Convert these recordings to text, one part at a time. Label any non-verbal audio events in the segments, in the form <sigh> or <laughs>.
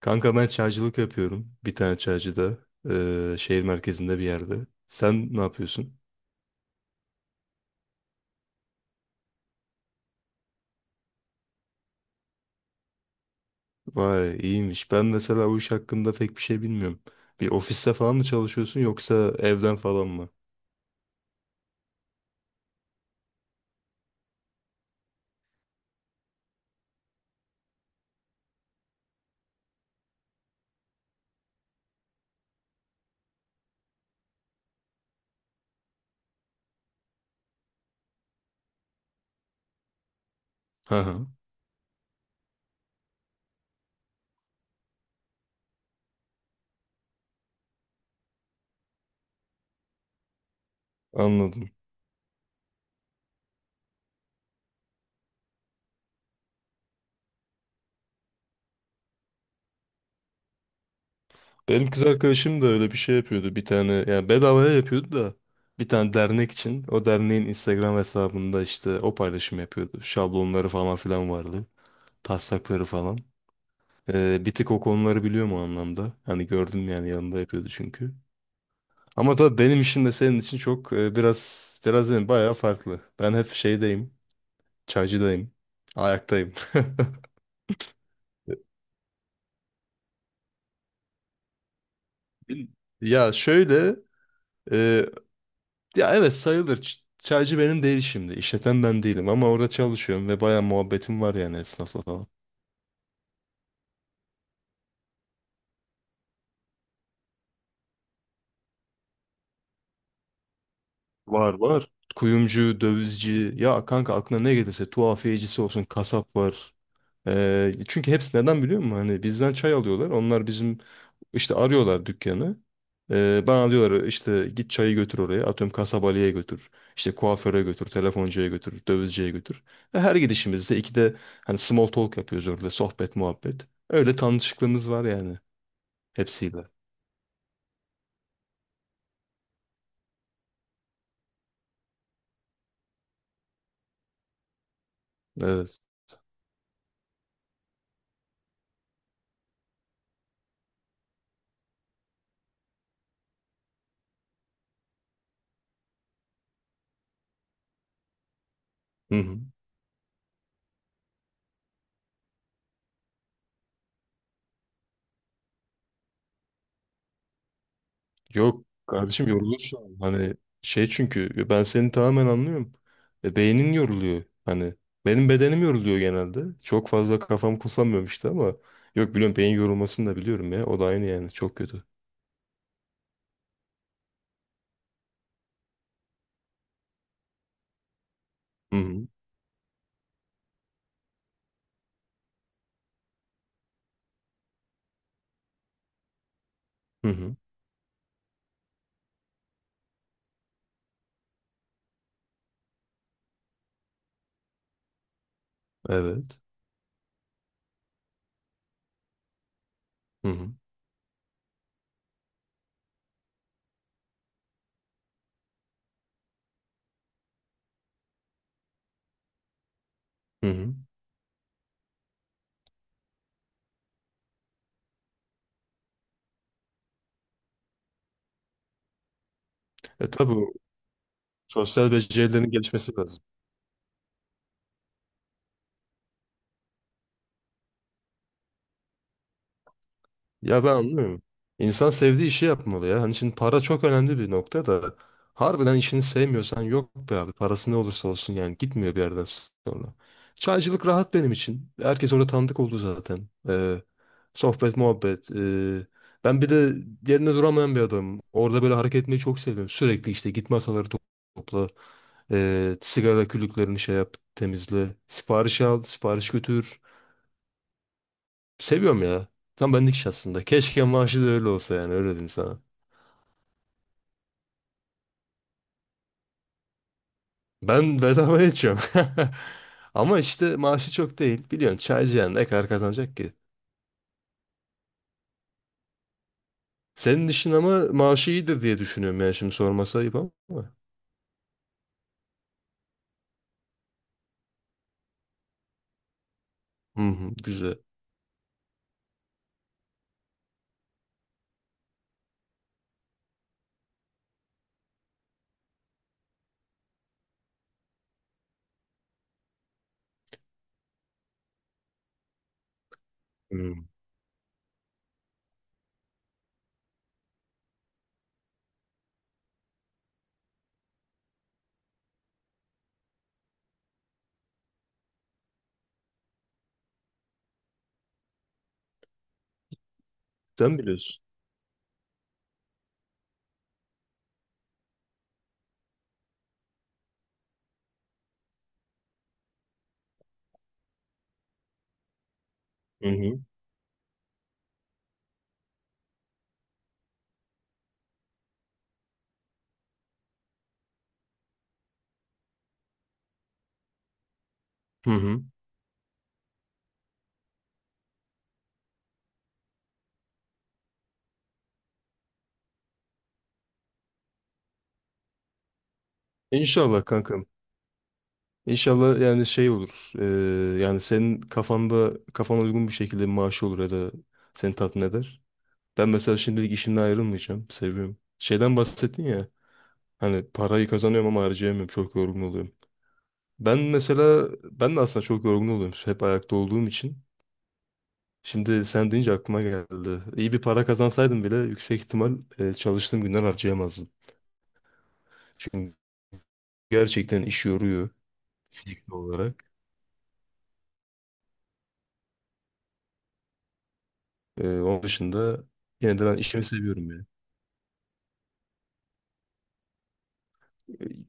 Kanka ben çaycılık yapıyorum. Bir tane çaycıda. Şehir merkezinde bir yerde. Sen ne yapıyorsun? Vay iyiymiş. Ben mesela o iş hakkında pek bir şey bilmiyorum. Bir ofiste falan mı çalışıyorsun yoksa evden falan mı? Hı hı, anladım. Benim kız arkadaşım da öyle bir şey yapıyordu. Bir tane yani bedavaya yapıyordu da bir tane dernek için. O derneğin Instagram hesabında işte o paylaşım yapıyordu. Şablonları falan filan vardı. Taslakları falan. Bir tık o konuları biliyorum o anlamda. Hani gördüm yani yanında yapıyordu çünkü. Ama tabii benim işim de senin için çok biraz biraz değil, bayağı farklı. Ben hep şeydeyim, çaycıdayım, ayaktayım. <laughs> Bil- Ya şöyle, e, ya evet sayılır. Çaycı benim değil şimdi. İşleten ben değilim ama orada çalışıyorum ve bayağı muhabbetim var yani esnafla falan. Var var. Kuyumcu, dövizci, ya kanka aklına ne gelirse tuhafiyecisi olsun, kasap var. Çünkü hepsi neden biliyor musun? Hani bizden çay alıyorlar. Onlar bizim işte arıyorlar dükkanı. Bana diyorlar işte git çayı götür oraya. Atıyorum kasabalıya götür. İşte kuaföre götür, telefoncuya götür, dövizciye götür. Ve her gidişimizde ikide hani small talk yapıyoruz orada. Sohbet, muhabbet. Öyle tanışıklığımız var yani hepsiyle. Evet. Hı hı. Yok kardeşim yorulursun. Hani şey çünkü ben seni tamamen anlıyorum. Beynin yoruluyor. Hani benim bedenim yoruluyor genelde. Çok fazla kafam kullanmıyorum işte ama yok biliyorum beyin yorulmasını da biliyorum ya. O da aynı yani çok kötü. Hı hı. Hı hı. Evet. Hı hı. Hı hı. Tabii sosyal becerilerin gelişmesi lazım. Ya ben anlıyorum. İnsan sevdiği işi yapmalı ya. Hani şimdi para çok önemli bir nokta da. Harbiden işini sevmiyorsan yok be abi. Parası ne olursa olsun yani gitmiyor bir yerden sonra. Çaycılık rahat benim için. Herkes orada tanıdık oldu zaten. Sohbet, muhabbet. Ben bir de yerinde duramayan bir adamım. Orada böyle hareket etmeyi çok seviyorum. Sürekli işte git masaları topla. Sigara külüklerini şey yap, temizle. Sipariş al, sipariş götür. Seviyorum ya. Tam benlik iş aslında. Keşke maaşı da öyle olsa yani öyle diyeyim sana. Ben bedava içiyorum. <laughs> Ama işte maaşı çok değil. Biliyorsun çaycı yani ne kadar kazanacak ki? Senin işin ama maaşı iyidir diye düşünüyorum yani şimdi sorması ayıp ama. Hı hı, güzel. Hı. Sen biliyorsun. Hı hı. Hı hı. İnşallah kankam. İnşallah yani şey olur. Yani senin kafanda kafana uygun bir şekilde bir maaşı olur ya da seni tatmin eder. Ben mesela şimdilik işimden ayrılmayacağım. Seviyorum. Şeyden bahsettin ya. Hani parayı kazanıyorum ama harcayamıyorum. Çok yorgun oluyorum. Ben mesela ben de aslında çok yorgun oluyorum. Hep ayakta olduğum için. Şimdi sen deyince aklıma geldi. İyi bir para kazansaydım bile yüksek ihtimal çalıştığım günden harcayamazdım. Çünkü gerçekten iş yoruyor fiziki olarak. Onun dışında yine de ben işimi seviyorum yani.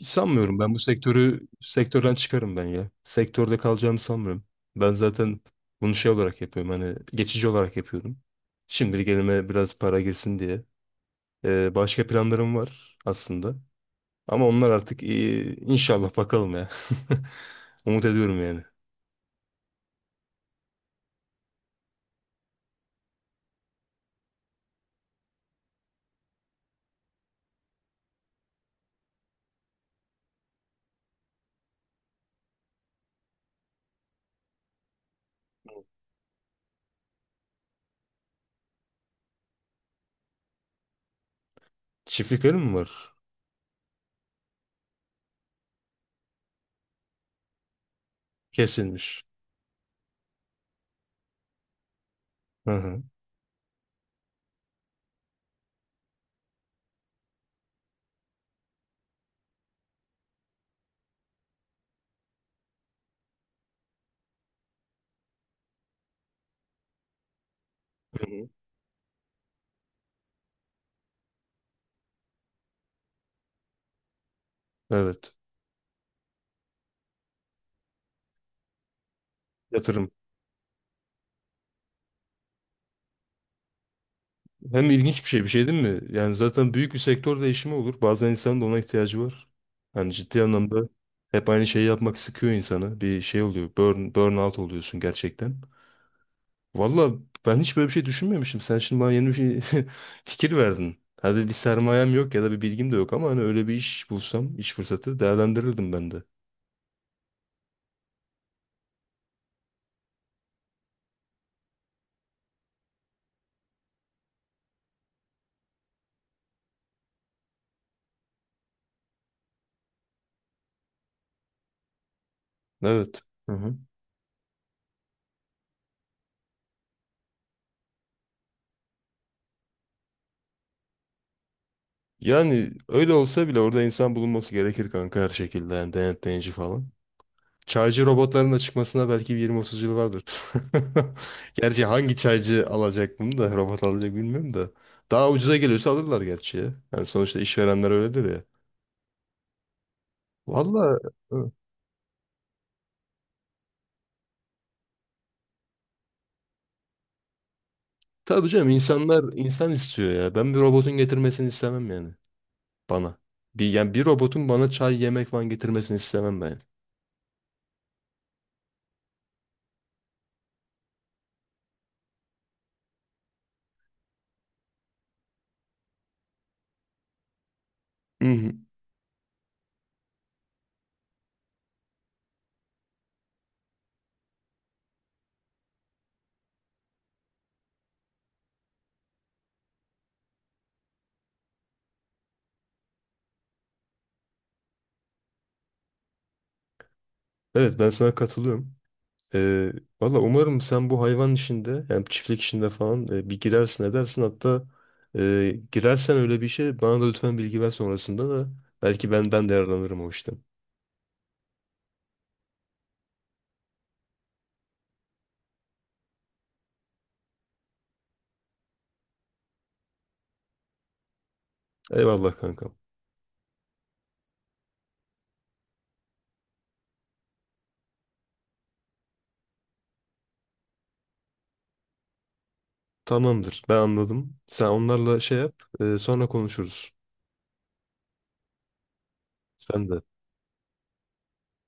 Sanmıyorum ben bu sektörden çıkarım ben ya. Sektörde kalacağımı sanmıyorum. Ben zaten bunu şey olarak yapıyorum hani geçici olarak yapıyorum. Şimdilik elime biraz para girsin diye. Başka planlarım var aslında. Ama onlar artık iyi. İnşallah bakalım ya. <laughs> Umut ediyorum yani. Çiftliklerim mi var? Kesilmiş. Hı hı. Hı hı. Evet. Yatırım. Hem ilginç bir şey değil mi? Yani zaten büyük bir sektör değişimi olur. Bazen insanın da ona ihtiyacı var. Yani ciddi anlamda hep aynı şeyi yapmak sıkıyor insanı. Bir şey oluyor. Burnout oluyorsun gerçekten. Valla ben hiç böyle bir şey düşünmemişim. Sen şimdi bana yeni bir şey <laughs> fikir verdin. Hadi bir sermayem yok ya da bir bilgim de yok ama hani öyle bir iş bulsam, iş fırsatı değerlendirirdim ben de. Evet. Hı hı. Yani öyle olsa bile orada insan bulunması gerekir kanka her şekilde. Yani denetleyici falan. Çaycı robotların da çıkmasına belki bir 20-30 yıl vardır. <laughs> Gerçi hangi çaycı alacak bunu da robot alacak bilmiyorum da. Daha ucuza geliyorsa alırlar gerçi ya. Yani sonuçta işverenler öyledir ya. Valla, tabii canım, insanlar insan istiyor ya. Ben bir robotun getirmesini istemem yani bana. Yani bir robotun bana çay yemek falan getirmesini istemem ben. Hı hı. Evet ben sana katılıyorum. Ee, valla umarım sen bu hayvan işinde yani çiftlik işinde falan bir girersin edersin. Hatta girersen öyle bir şey bana da lütfen bilgi ver sonrasında da belki ben de yararlanırım o işten. Eyvallah kankam. Tamamdır ben anladım. Sen onlarla şey yap, sonra konuşuruz. Sen de.